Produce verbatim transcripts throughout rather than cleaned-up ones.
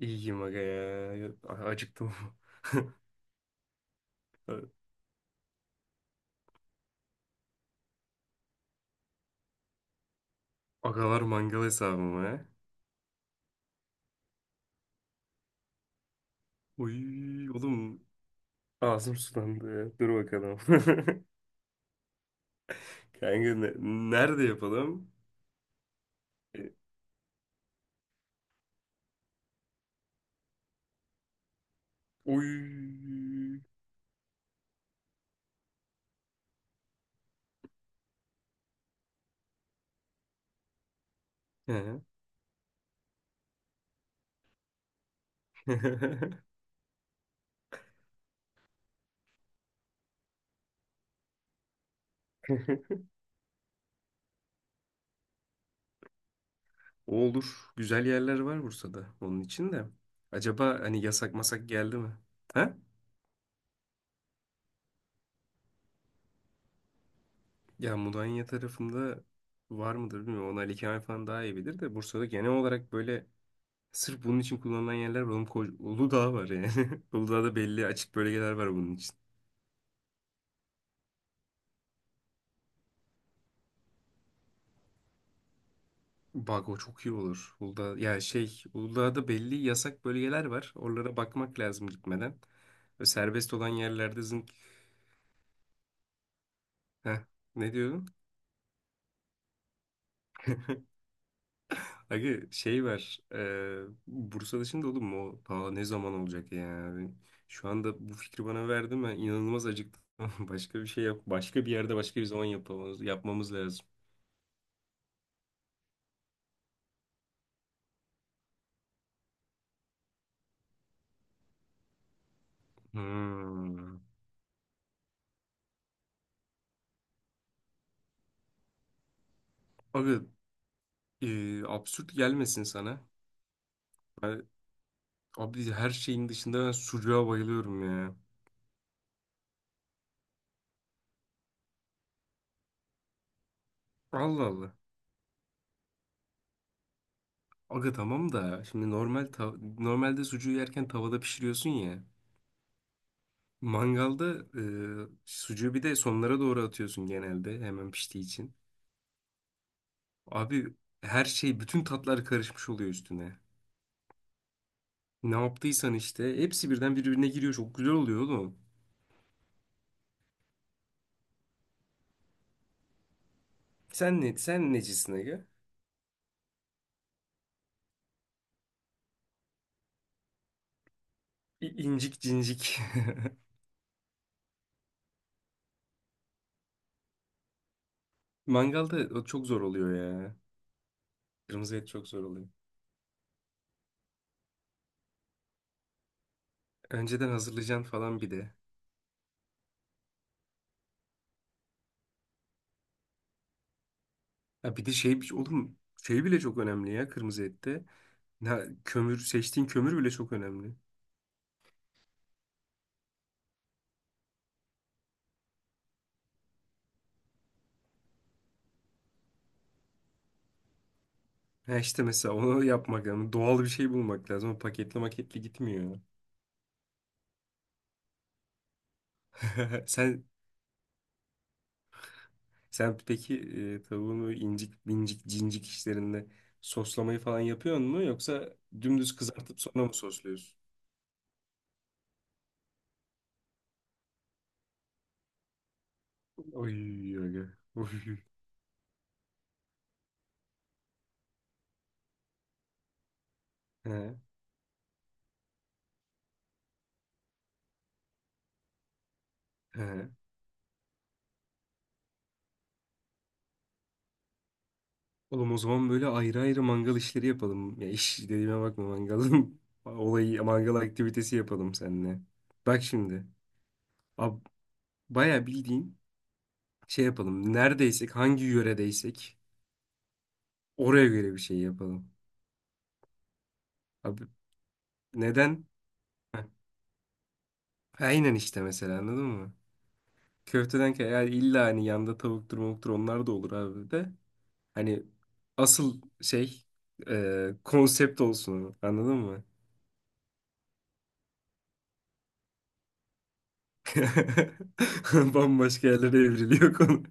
İyiyim aga ya. Acıktım. Agalar mangal hesabıma. Ha. Uy oğlum, ağzım sulandı ya. Dur bakalım. Kanka ne- nerede yapalım? E, Uy. He. O Olur. Güzel yerler var Bursa'da. Onun için de. Acaba hani yasak masak geldi mi? Ha? Ya Mudanya tarafında var mıdır bilmiyorum. Onu Ali Kemal falan daha iyi bilir de Bursa'da genel olarak böyle sırf bunun için kullanılan yerler var. Oğlum koca, Uludağ var yani. Uludağ'da belli açık bölgeler var bunun için. Bak, o çok iyi olur. Uludağ, yani şey, Uludağ'da belli yasak bölgeler var. Oralara bakmak lazım gitmeden. Böyle serbest olan yerlerde zınk. Heh, ne diyordun? Aga şey var. E, Bursa dışında oğlum mu? O? Aa, ne zaman olacak ya? Yani şu anda bu fikri bana verdi. Ben inanılmaz acıktım. Başka bir şey yap. Başka bir yerde başka bir zaman yapmamız, yapmamız lazım. Hmm. Abi, Ee, absürt gelmesin sana. Ben, abi her şeyin dışında ben sucuğa bayılıyorum ya. Allah Allah. Aga tamam da şimdi normal ta- normalde sucuğu yerken tavada pişiriyorsun ya. Mangalda e, sucuğu bir de sonlara doğru atıyorsun genelde hemen piştiği için. Abi her şey, bütün tatlar karışmış oluyor üstüne. Ne yaptıysan işte hepsi birden birbirine giriyor, çok güzel oluyor oğlum. Sen ne, sen necisin aga? İ- İncik cincik. Mangalda o çok zor oluyor ya. Kırmızı et çok zor oluyor. Önceden hazırlayacaksın falan bir de. Ya bir de şey oğlum, şey bile çok önemli ya kırmızı ette. Ya kömür, seçtiğin kömür bile çok önemli. Ha işte, mesela onu yapmak lazım. Doğal bir şey bulmak lazım. O paketli maketli gitmiyor. Sen sen peki, e, tavuğun böyle incik bincik, cincik işlerinde soslamayı falan yapıyor mu, yoksa dümdüz kızartıp sonra mı sosluyorsun? Oy, oy, oy. He, he. Oğlum, o zaman böyle ayrı ayrı mangal işleri yapalım. Ya iş dediğime bakma, mangalın olayı, mangal aktivitesi yapalım seninle. Bak şimdi. Ab, bayağı bildiğin şey yapalım. Neredeysek, hangi yöredeysek oraya göre bir şey yapalım. Abi neden? Heh, aynen işte, mesela anladın mı? Köfteden kay yani, illa hani yanda tavuktur mavuktur onlar da olur abi de. Hani asıl şey, e, konsept olsun o, anladın mı? Bambaşka yerlere evriliyor konu.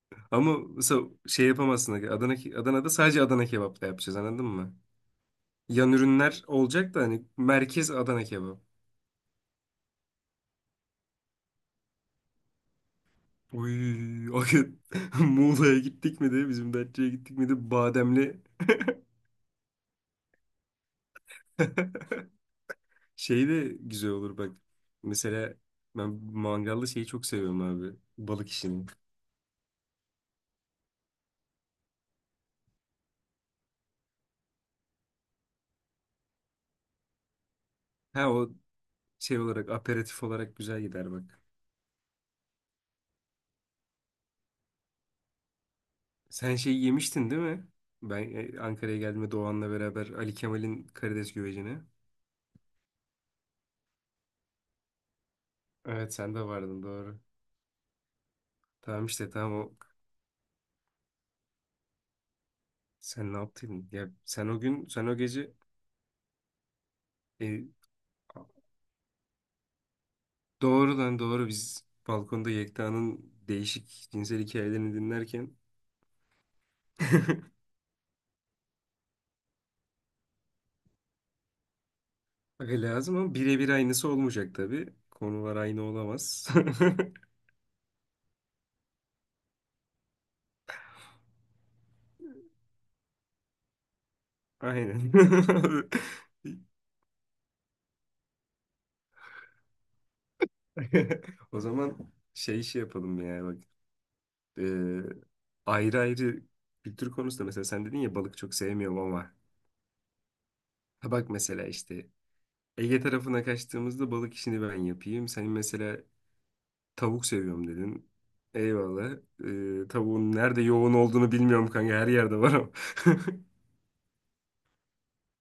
Ama mesela şey yapamazsın. Adana, Adana'da sadece Adana kebap da yapacağız, anladın mı? Yan ürünler olacak da hani, merkez Adana kebap. Uy, o gün Muğla'ya gittik mi de bizim Datça'ya gittik mi de bademli şey de güzel olur bak. Mesela ben mangallı şeyi çok seviyorum abi. Balık işini. Ha, o şey olarak, aperatif olarak güzel gider bak. Sen şey yemiştin değil mi? Ben e, Ankara'ya geldiğimde Doğan'la beraber Ali Kemal'in karides güvecini. Evet, sen de vardın, doğru. Tamam işte, tamam o. Sen ne yaptın? Ya sen o gün, sen o gece e, doğru lan, doğru, biz balkonda Yekta'nın değişik cinsel hikayelerini dinlerken aga lazım, ama birebir aynısı olmayacak tabii. Konular aynı olamaz. Aynen. O zaman şey şey yapalım ya bak. e, Ayrı ayrı kültür konusunda, mesela sen dedin ya balık çok sevmiyorum ama, ha bak mesela işte, Ege tarafına kaçtığımızda balık işini ben yapayım. Sen mesela tavuk seviyorum dedin. Eyvallah. E, tavuğun nerede yoğun olduğunu bilmiyorum kanka, her yerde var ama.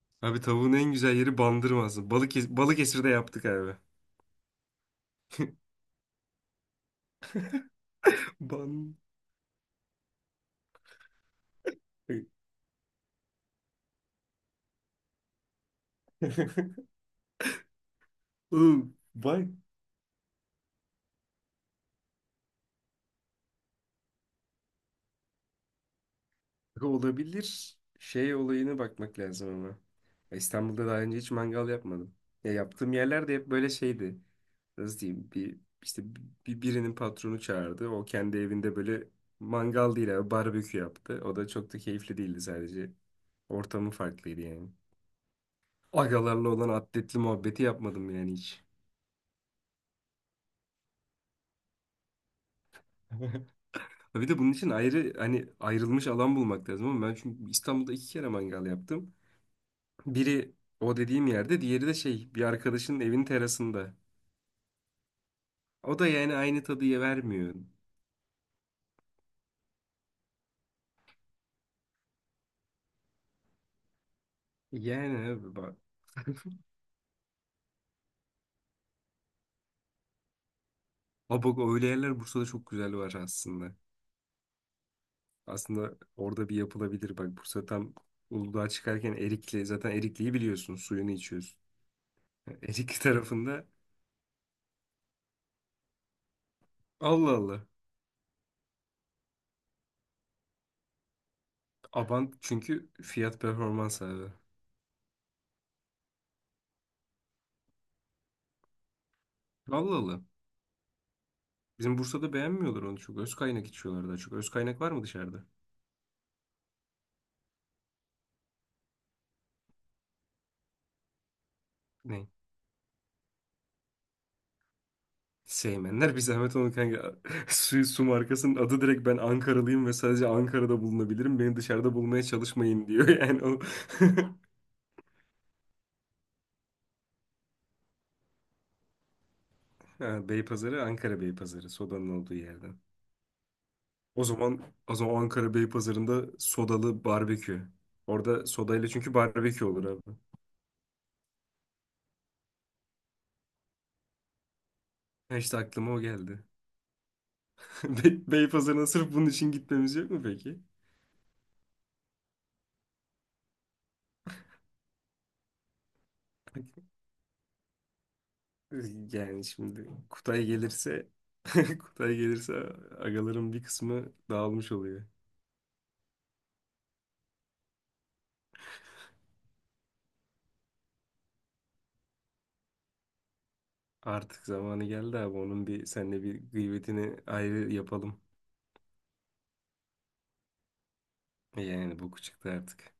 Abi, tavuğun en güzel yeri Bandırma'sı. Balık Balıkesir'de yaptık abi. Ban. Oğlum bak, olabilir. Şey olayına bakmak lazım ama. Ya İstanbul'da daha önce hiç mangal yapmadım. Ya yaptığım yerler de hep böyle şeydi. Nasıl diyeyim? Bir işte, bir birinin patronu çağırdı. O kendi evinde böyle mangal değil abi, barbekü yaptı. O da çok da keyifli değildi sadece. Ortamı farklıydı yani. Agalarla olan atletli muhabbeti yapmadım yani hiç. Bir de bunun için ayrı, hani ayrılmış alan bulmak lazım ama, ben çünkü İstanbul'da iki kere mangal yaptım. Biri o dediğim yerde, diğeri de şey, bir arkadaşının evin terasında. O da yani aynı tadıya vermiyor. Yani abi bak. Ama bak, öyle yerler Bursa'da çok güzel var aslında. Aslında orada bir yapılabilir bak. Bursa tam Uludağ'a çıkarken Erikli, zaten Erikli'yi biliyorsun, suyunu içiyorsun. Yani Erikli tarafında. Allah Allah. Abant çünkü fiyat performans abi. Allah Allah. Bizim Bursa'da beğenmiyorlar onu çok. Öz kaynak içiyorlar daha çok. Öz kaynak var mı dışarıda? Ne? Seymenler bir zahmet onu kanka. Su, su markasının adı direkt, ben Ankaralıyım ve sadece Ankara'da bulunabilirim, beni dışarıda bulmaya çalışmayın diyor yani o. Ha, Beypazarı, Ankara Beypazarı sodanın olduğu yerden. O zaman o zaman Ankara Beypazarı'nda sodalı barbekü. Orada sodayla çünkü barbekü olur abi. Ha işte, aklıma o geldi. Bey, Beypazarı'na sırf bunun için gitmemiz yok mu peki? Yani şimdi Kutay gelirse Kutay gelirse agaların bir kısmı dağılmış oluyor. Artık zamanı geldi abi. Onun bir seninle bir gıybetini ayrı yapalım. Yani bu küçüktü artık.